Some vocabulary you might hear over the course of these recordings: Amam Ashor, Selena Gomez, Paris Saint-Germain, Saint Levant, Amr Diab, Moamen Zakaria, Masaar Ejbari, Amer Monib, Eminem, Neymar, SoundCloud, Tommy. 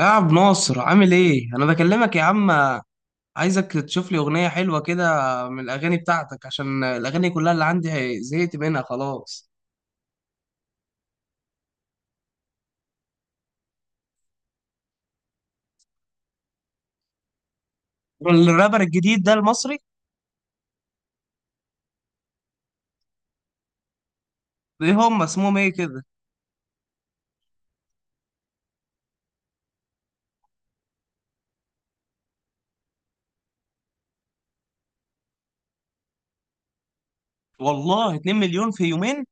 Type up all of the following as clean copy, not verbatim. يا عبد ناصر عامل ايه؟ انا بكلمك يا عم، عايزك تشوف لي اغنية حلوة كده من الاغاني بتاعتك عشان الاغاني كلها اللي عندي زهقت منها خلاص. الرابر الجديد ده المصري، ايه هم اسمهم ايه كده؟ والله 2 مليون في يومين؟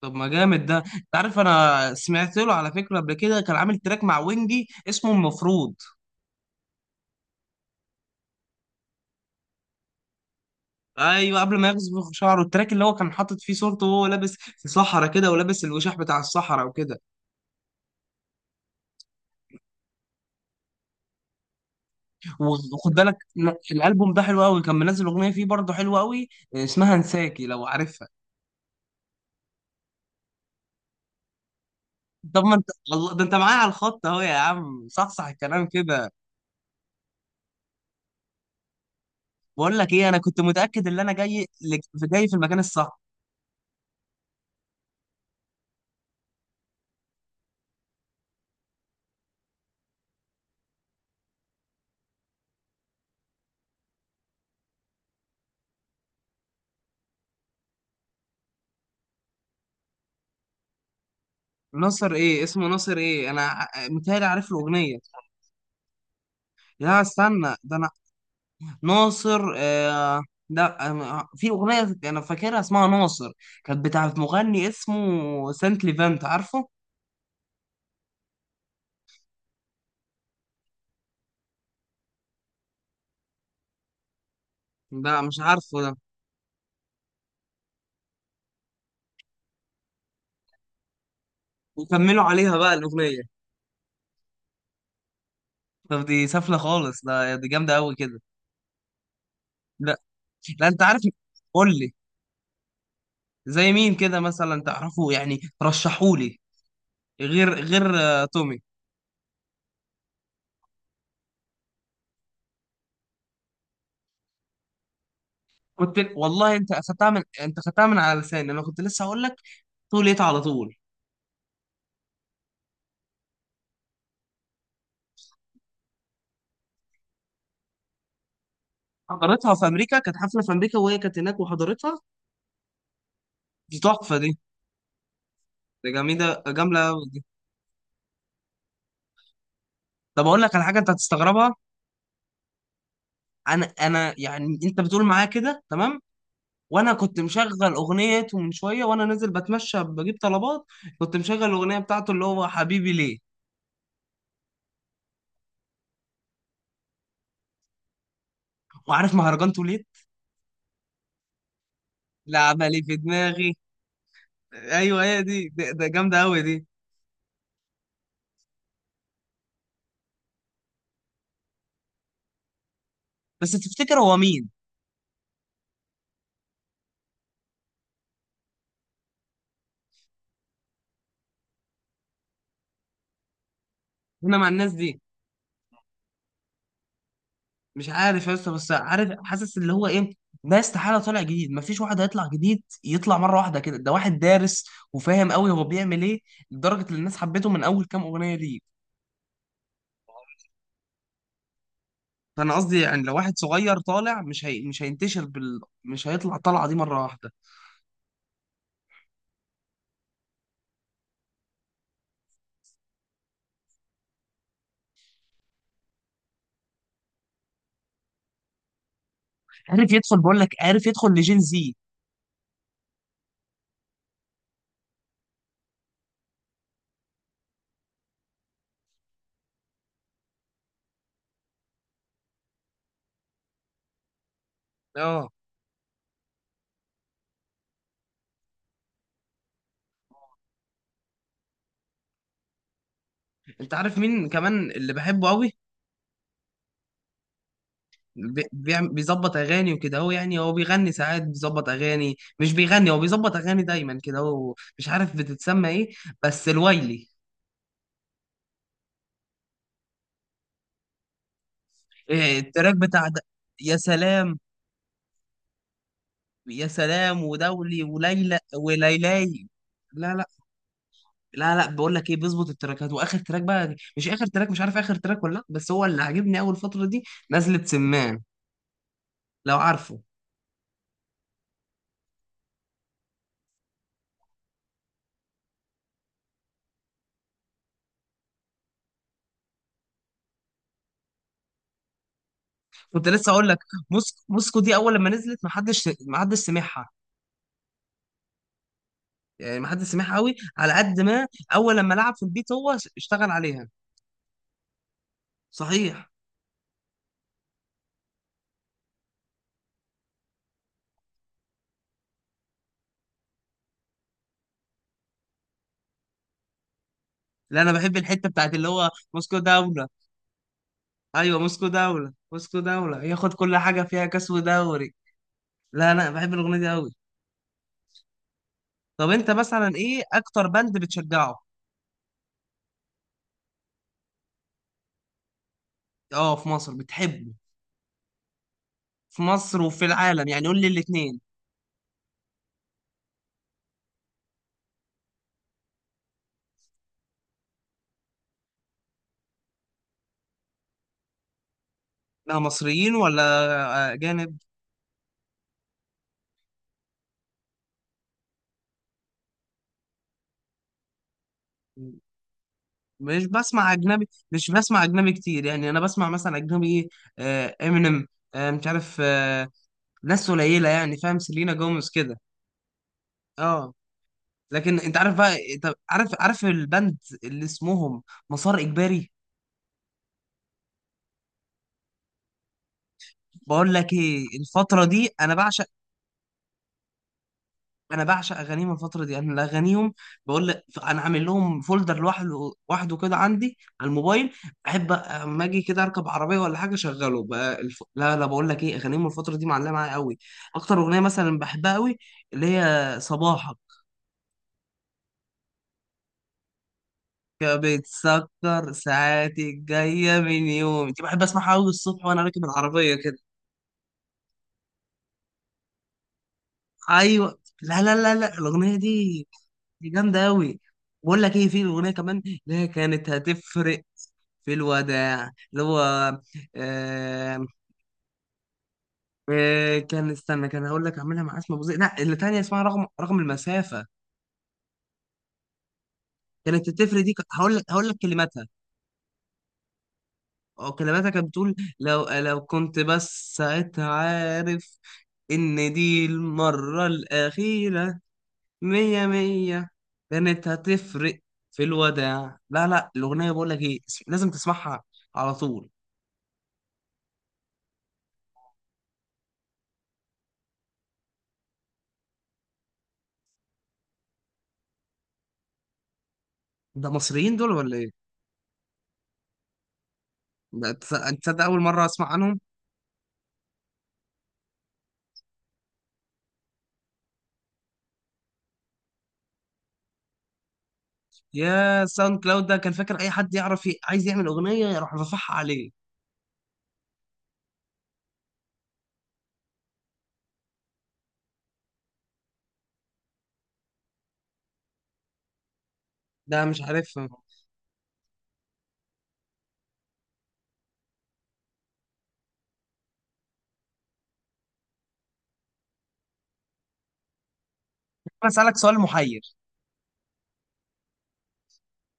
طب ما جامد ده، انت عارف انا سمعت له على فكرة قبل كده، كان عامل تراك مع وينجي اسمه المفروض. ايوه قبل ما يغزل شعره التراك اللي هو كان حاطط فيه صورته وهو لابس في صحراء كده، ولابس الوشاح بتاع الصحراء وكده. وخد بالك الالبوم ده حلو قوي، كان منزل اغنيه فيه برضه حلوه قوي اسمها انساكي لو عارفها. طب ما انت الله ده انت معايا على الخط اهو يا عم، صحصح الكلام كده. بقول لك ايه، انا كنت متاكد ان انا جاي في المكان الصح. ناصر ايه؟ اسمه ناصر ايه؟ انا متهيألي عارف له اغنيه. لا استنى، ده انا ناصر آه، لا. في اغنيه انا فاكرها اسمها ناصر، كانت بتاعت مغني اسمه سانت ليفانت، عارفه؟ لا مش عارفه ده. وكملوا عليها بقى الاغنيه. طب دي سفلة خالص، ده دي جامدة قوي كده. لا لا، انت عارف، قول لي زي مين كده مثلا تعرفه يعني، رشحوا لي. غير غير تومي. كنت والله، انت اخدتها من، انت اخدتها من على لساني، انا كنت لسه هقول لك توليت على طول. حضرتها في امريكا؟ كانت حفله في امريكا وهي كانت هناك وحضرتها؟ دي تحفه دي، دي جميله، جامده قوي دي. طب اقول لك على حاجه انت هتستغربها. انا يعني، انت بتقول معايا كده تمام، وانا كنت مشغل اغنيته من شويه وانا نازل بتمشى بجيب طلبات، كنت مشغل الاغنيه بتاعته اللي هو حبيبي ليه. وعارف مهرجان توليت؟ لا، عمل ايه في دماغي؟ ايوه هي دي، ده، ده جامده قوي دي. بس تفتكر هو مين؟ هنا مع الناس دي؟ مش عارف يا اسطى، بس عارف، حاسس اللي هو ايه. ده استحاله طالع جديد، مفيش واحد هيطلع جديد يطلع مره واحده كده، ده واحد دارس وفاهم قوي هو بيعمل ايه، لدرجه ان الناس حبيته من اول كام اغنيه ليه. فانا قصدي يعني لو واحد صغير طالع، مش هينتشر بال... مش هيطلع الطلعه دي مره واحده. عارف يدخل، بقول لك عارف يدخل لجين زي. اه. انت عارف مين كمان اللي بحبه قوي؟ بيظبط اغاني وكده، هو يعني هو بيغني ساعات، بيظبط اغاني مش بيغني، هو بيظبط اغاني دايما كده، هو مش عارف بتتسمى ايه، بس الويلي. إيه التراك بتاع ده؟ يا سلام، يا سلام ودولي وليلى وليلاي. لا لا لا بقول لك ايه، بيظبط التراكات، واخر تراك بقى، مش اخر تراك، مش عارف اخر تراك ولا لا، بس هو اللي عاجبني اول فتره دي نزله سمان، لو عارفه. كنت لسه اقول لك، موسكو دي، اول لما نزلت ما حدش سمعها، يعني ما حدش سمعها قوي على قد ما اول لما لعب في البيت هو اشتغل عليها. صحيح. لا انا بحب الحته بتاعت اللي هو موسكو دوله. ايوه موسكو دوله، موسكو دوله ياخد كل حاجه فيها كاس ودوري. لا لا، بحب الاغنيه دي قوي. طب انت مثلا ايه اكتر باند بتشجعه؟ اه، في مصر بتحبه؟ في مصر وفي العالم يعني، قول لي الاثنين. لا مصريين ولا اجانب؟ مش بسمع اجنبي، مش بسمع اجنبي كتير يعني، انا بسمع مثلا اجنبي ايه، امينيم، مش عارف، ناس قليله يعني، فاهم، سيلينا جوميز كده. اه. لكن انت عارف بقى، انت عارف، عارف البند اللي اسمهم مسار اجباري؟ بقول لك ايه، الفتره دي انا بعشق، انا بعشق اغانيهم، الفتره دي انا اغانيهم، بقول لك انا عامل لهم فولدر لوحده كده عندي على الموبايل، احب اما اجي كده اركب عربيه ولا حاجه اشغله بقى لا لا، بقول لك ايه، اغانيهم الفتره دي معلقه معايا قوي. اكتر اغنيه مثلا بحبها قوي اللي هي صباحك، يا بتسكر ساعاتي الجايه من يوم دي، بحب اسمعها قوي الصبح وانا راكب العربيه كده. ايوه، لا الاغنيه دي، دي جامدة أوي. بقول لك إيه، في أغنية كمان اللي هي كانت هتفرق في الوداع اللي هو آه. آه كان، استنى، كان هقول لك أعملها مع اسم أبو زيد، لا اللي تانية اسمها رغم المسافة، كانت هتفرق دي، هقول لك، هقول لك كلماتها، أو كلماتها كانت بتقول: لو كنت بس ساعتها عارف إن دي المرة الأخيرة. مية مية، كانت هتفرق في الوداع، لا لا، الأغنية بقول لك إيه، لازم تسمعها على طول. ده مصريين دول ولا ايه؟ ده انت تصدق اول مره اسمع عنهم؟ يا ساوند كلاود ده، كان فاكر اي حد يعرف عايز يعمل اغنيه يروح رافعها عليه. ده مش عارف انا. اسالك سؤال محير: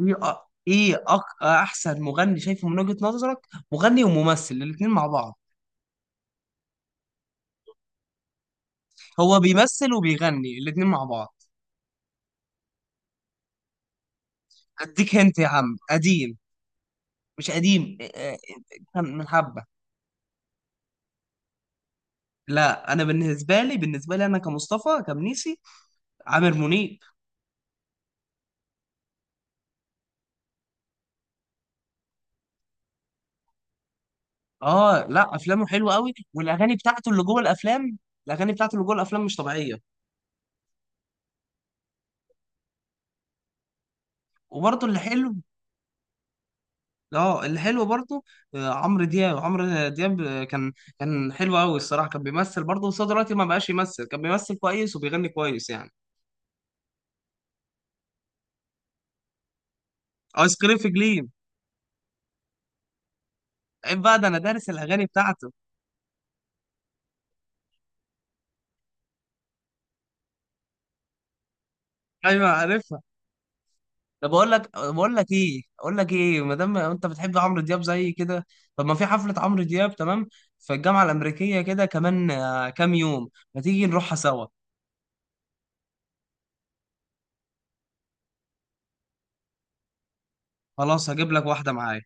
ايه أ- احسن مغني شايفه من وجهه نظرك مغني وممثل الاثنين مع بعض؟ هو بيمثل وبيغني الاثنين مع بعض. اديك هنت يا عم، قديم؟ مش قديم، كان من حبه. لا، انا بالنسبه لي، بالنسبه لي انا كمصطفى كمنيسي، عامر منيب. اه، لا افلامه حلوه قوي، والاغاني بتاعته اللي جوه الافلام، الاغاني بتاعته اللي جوه الافلام مش طبيعيه. وبرضه اللي حلو، اه اللي حلو برضه عمرو دياب، عمرو دياب كان، كان حلو قوي الصراحه، كان بيمثل برضه بس هو دلوقتي ما بقاش يمثل، كان بيمثل كويس وبيغني كويس يعني. ايس كريم في جليم؟ عيب بقى، ده انا دارس الاغاني بتاعته. ايوه عارفها. ده بقول لك، بقول لك ايه، اقول لك ايه، ما دام انت بتحب عمرو دياب زي كده، طب ما في حفله عمرو دياب تمام، في الجامعه الامريكيه كده كمان كام يوم، ما تيجي نروحها سوا؟ خلاص هجيب لك واحدة معايا.